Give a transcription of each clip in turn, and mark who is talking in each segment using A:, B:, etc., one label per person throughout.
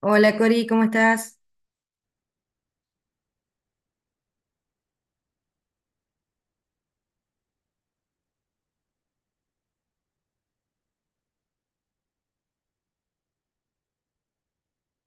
A: Hola, Cori, ¿cómo estás?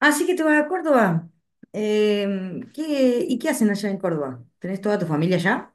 A: Así que te vas a Córdoba. ¿Qué hacen allá en Córdoba? ¿Tenés toda tu familia allá?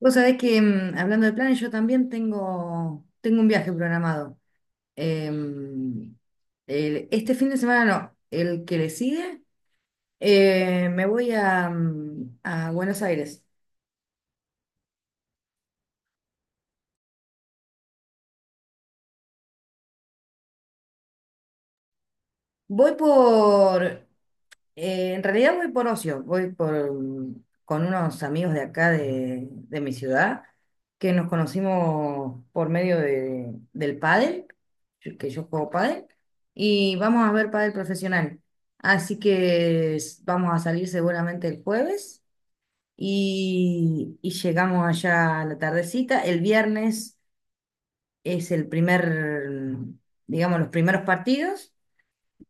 A: Vos sabés que, hablando de planes, yo también tengo un viaje programado. Em, este fin de semana no, el que le sigue, me voy a, a Buenos Aires. Voy por en realidad voy por ocio, voy con unos amigos de acá de mi ciudad que nos conocimos por medio del pádel, que yo juego pádel, y vamos a ver pádel profesional. Así que vamos a salir seguramente el jueves y llegamos allá a la tardecita. El viernes es el primer, mm, digamos, los primeros partidos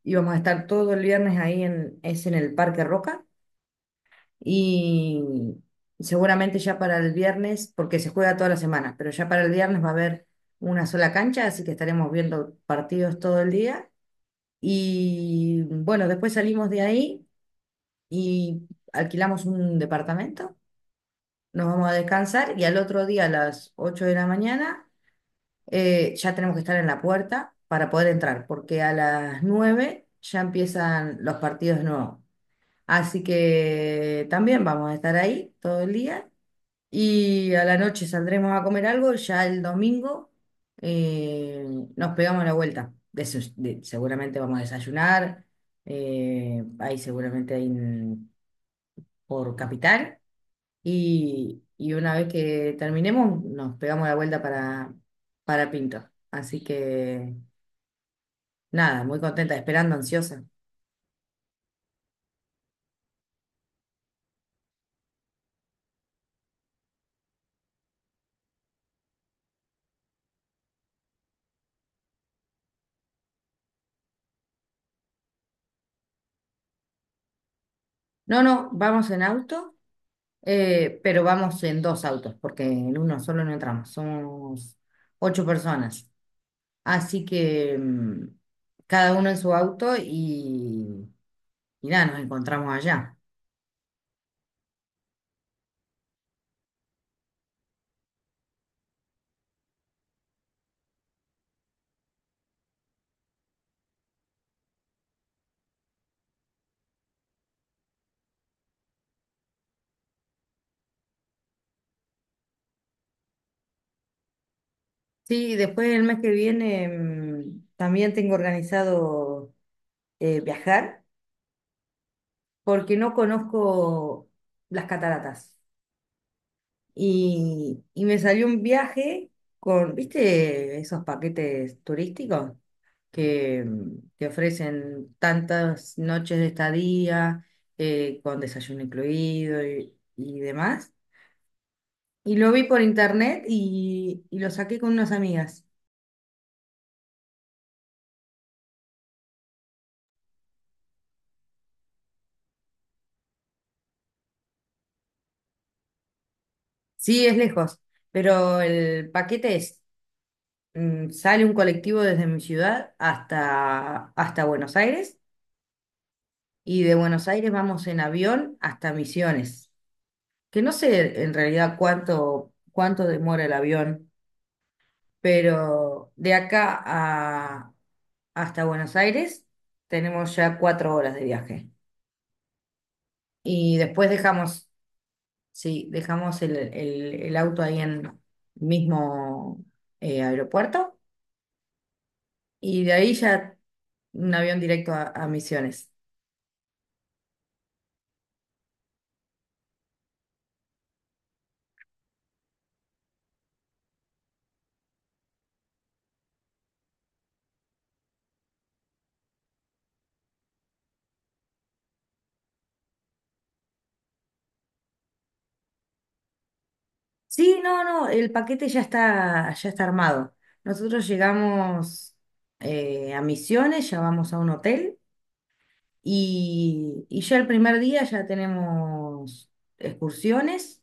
A: y vamos a estar todo el viernes es en el Parque Roca y seguramente ya para el viernes, porque se juega toda la semana, pero ya para el viernes va a haber una sola cancha, así que estaremos viendo partidos todo el día. Y bueno, después salimos de ahí y alquilamos un departamento, nos vamos a descansar y al otro día a las 8 de la mañana ya tenemos que estar en la puerta para poder entrar, porque a las 9 ya empiezan los partidos nuevos. Así que también vamos a estar ahí todo el día. Y a la noche saldremos a comer algo. Ya el domingo eh, nos pegamos la vuelta. Seguramente vamos a desayunar, ahí seguramente por Capital. Y una vez que terminemos, nos pegamos la vuelta para Pinto. Así que nada, muy contenta, esperando, ansiosa. No, no, vamos en auto, pero vamos en dos autos, porque en uno solo no entramos. Somos 8 personas. Así que cada uno en su auto y nada, nos encontramos allá. Sí, después el mes que viene también tengo organizado viajar porque no conozco las cataratas. Y me salió un viaje con, ¿viste esos paquetes turísticos que te ofrecen tantas noches de estadía, con desayuno incluido y demás? Y lo vi por internet y lo saqué con unas amigas. Sí, es lejos, pero el paquete es, sale un colectivo desde mi ciudad hasta Buenos Aires y de Buenos Aires vamos en avión hasta Misiones, que no sé en realidad cuánto demora el avión, pero de acá hasta Buenos Aires tenemos ya 4 horas de viaje. Y después dejamos. Sí, dejamos el auto ahí en el mismo aeropuerto y de ahí ya un avión directo a Misiones. Sí, no, no, el paquete ya está armado. Nosotros llegamos a Misiones, ya vamos a un hotel y ya el primer día ya tenemos excursiones.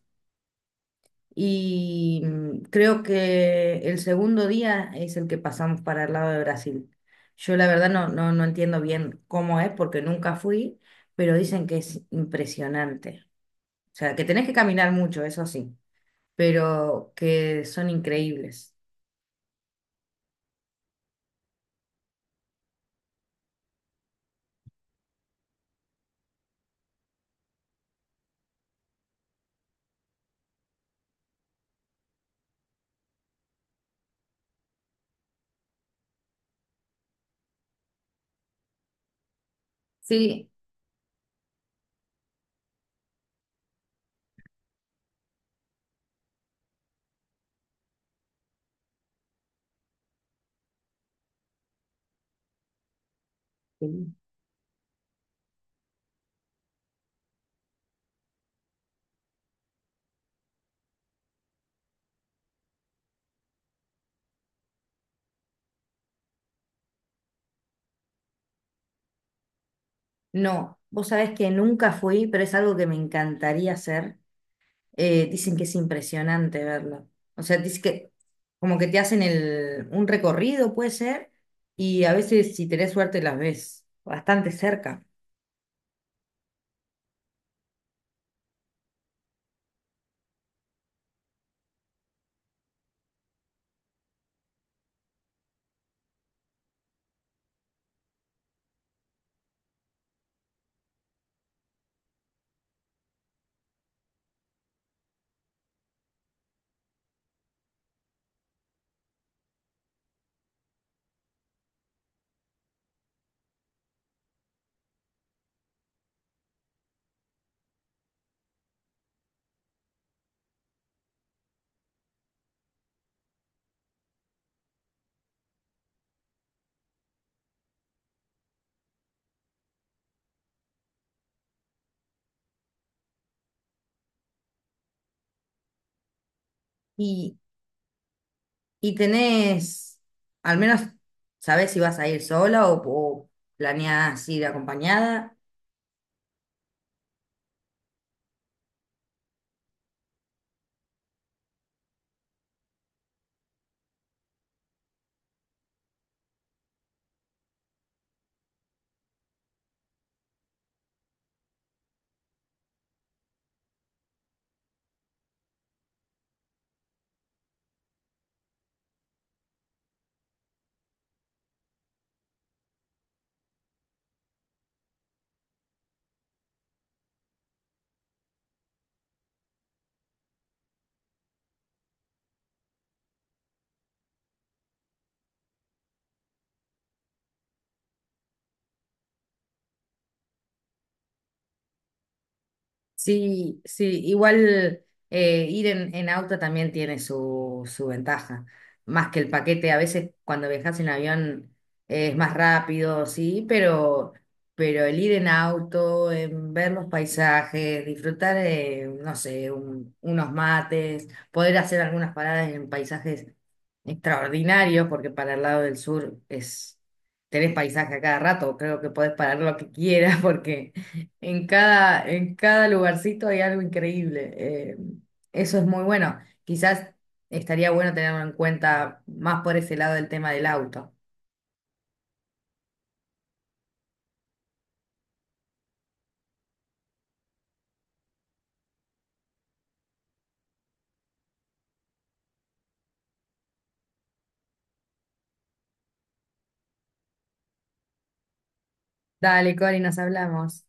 A: Y creo que el segundo día es el que pasamos para el lado de Brasil. Yo la verdad no, no, no entiendo bien cómo es porque nunca fui, pero dicen que es impresionante. O sea, que tenés que caminar mucho, eso sí, pero que son increíbles. Sí, no, vos sabés que nunca fui, pero es algo que me encantaría hacer. Dicen que es impresionante verlo. O sea, dice que como que te hacen un recorrido, puede ser, y a veces si tenés suerte las ves bastante cerca. Y, y tenés, al menos sabés si vas a ir sola o planeás ir acompañada. Sí, sí, igual ir en auto también tiene su, su ventaja, más que el paquete. A veces cuando viajas en avión es más rápido, sí, pero el ir en auto, en ver los paisajes, disfrutar, no sé, unos mates, poder hacer algunas paradas en paisajes extraordinarios, porque para el lado del sur es, tenés paisaje a cada rato, creo que podés parar lo que quieras porque en cada lugarcito hay algo increíble. Eso es muy bueno. Quizás estaría bueno tenerlo en cuenta más por ese lado del tema del auto. Dale, Cori, nos hablamos.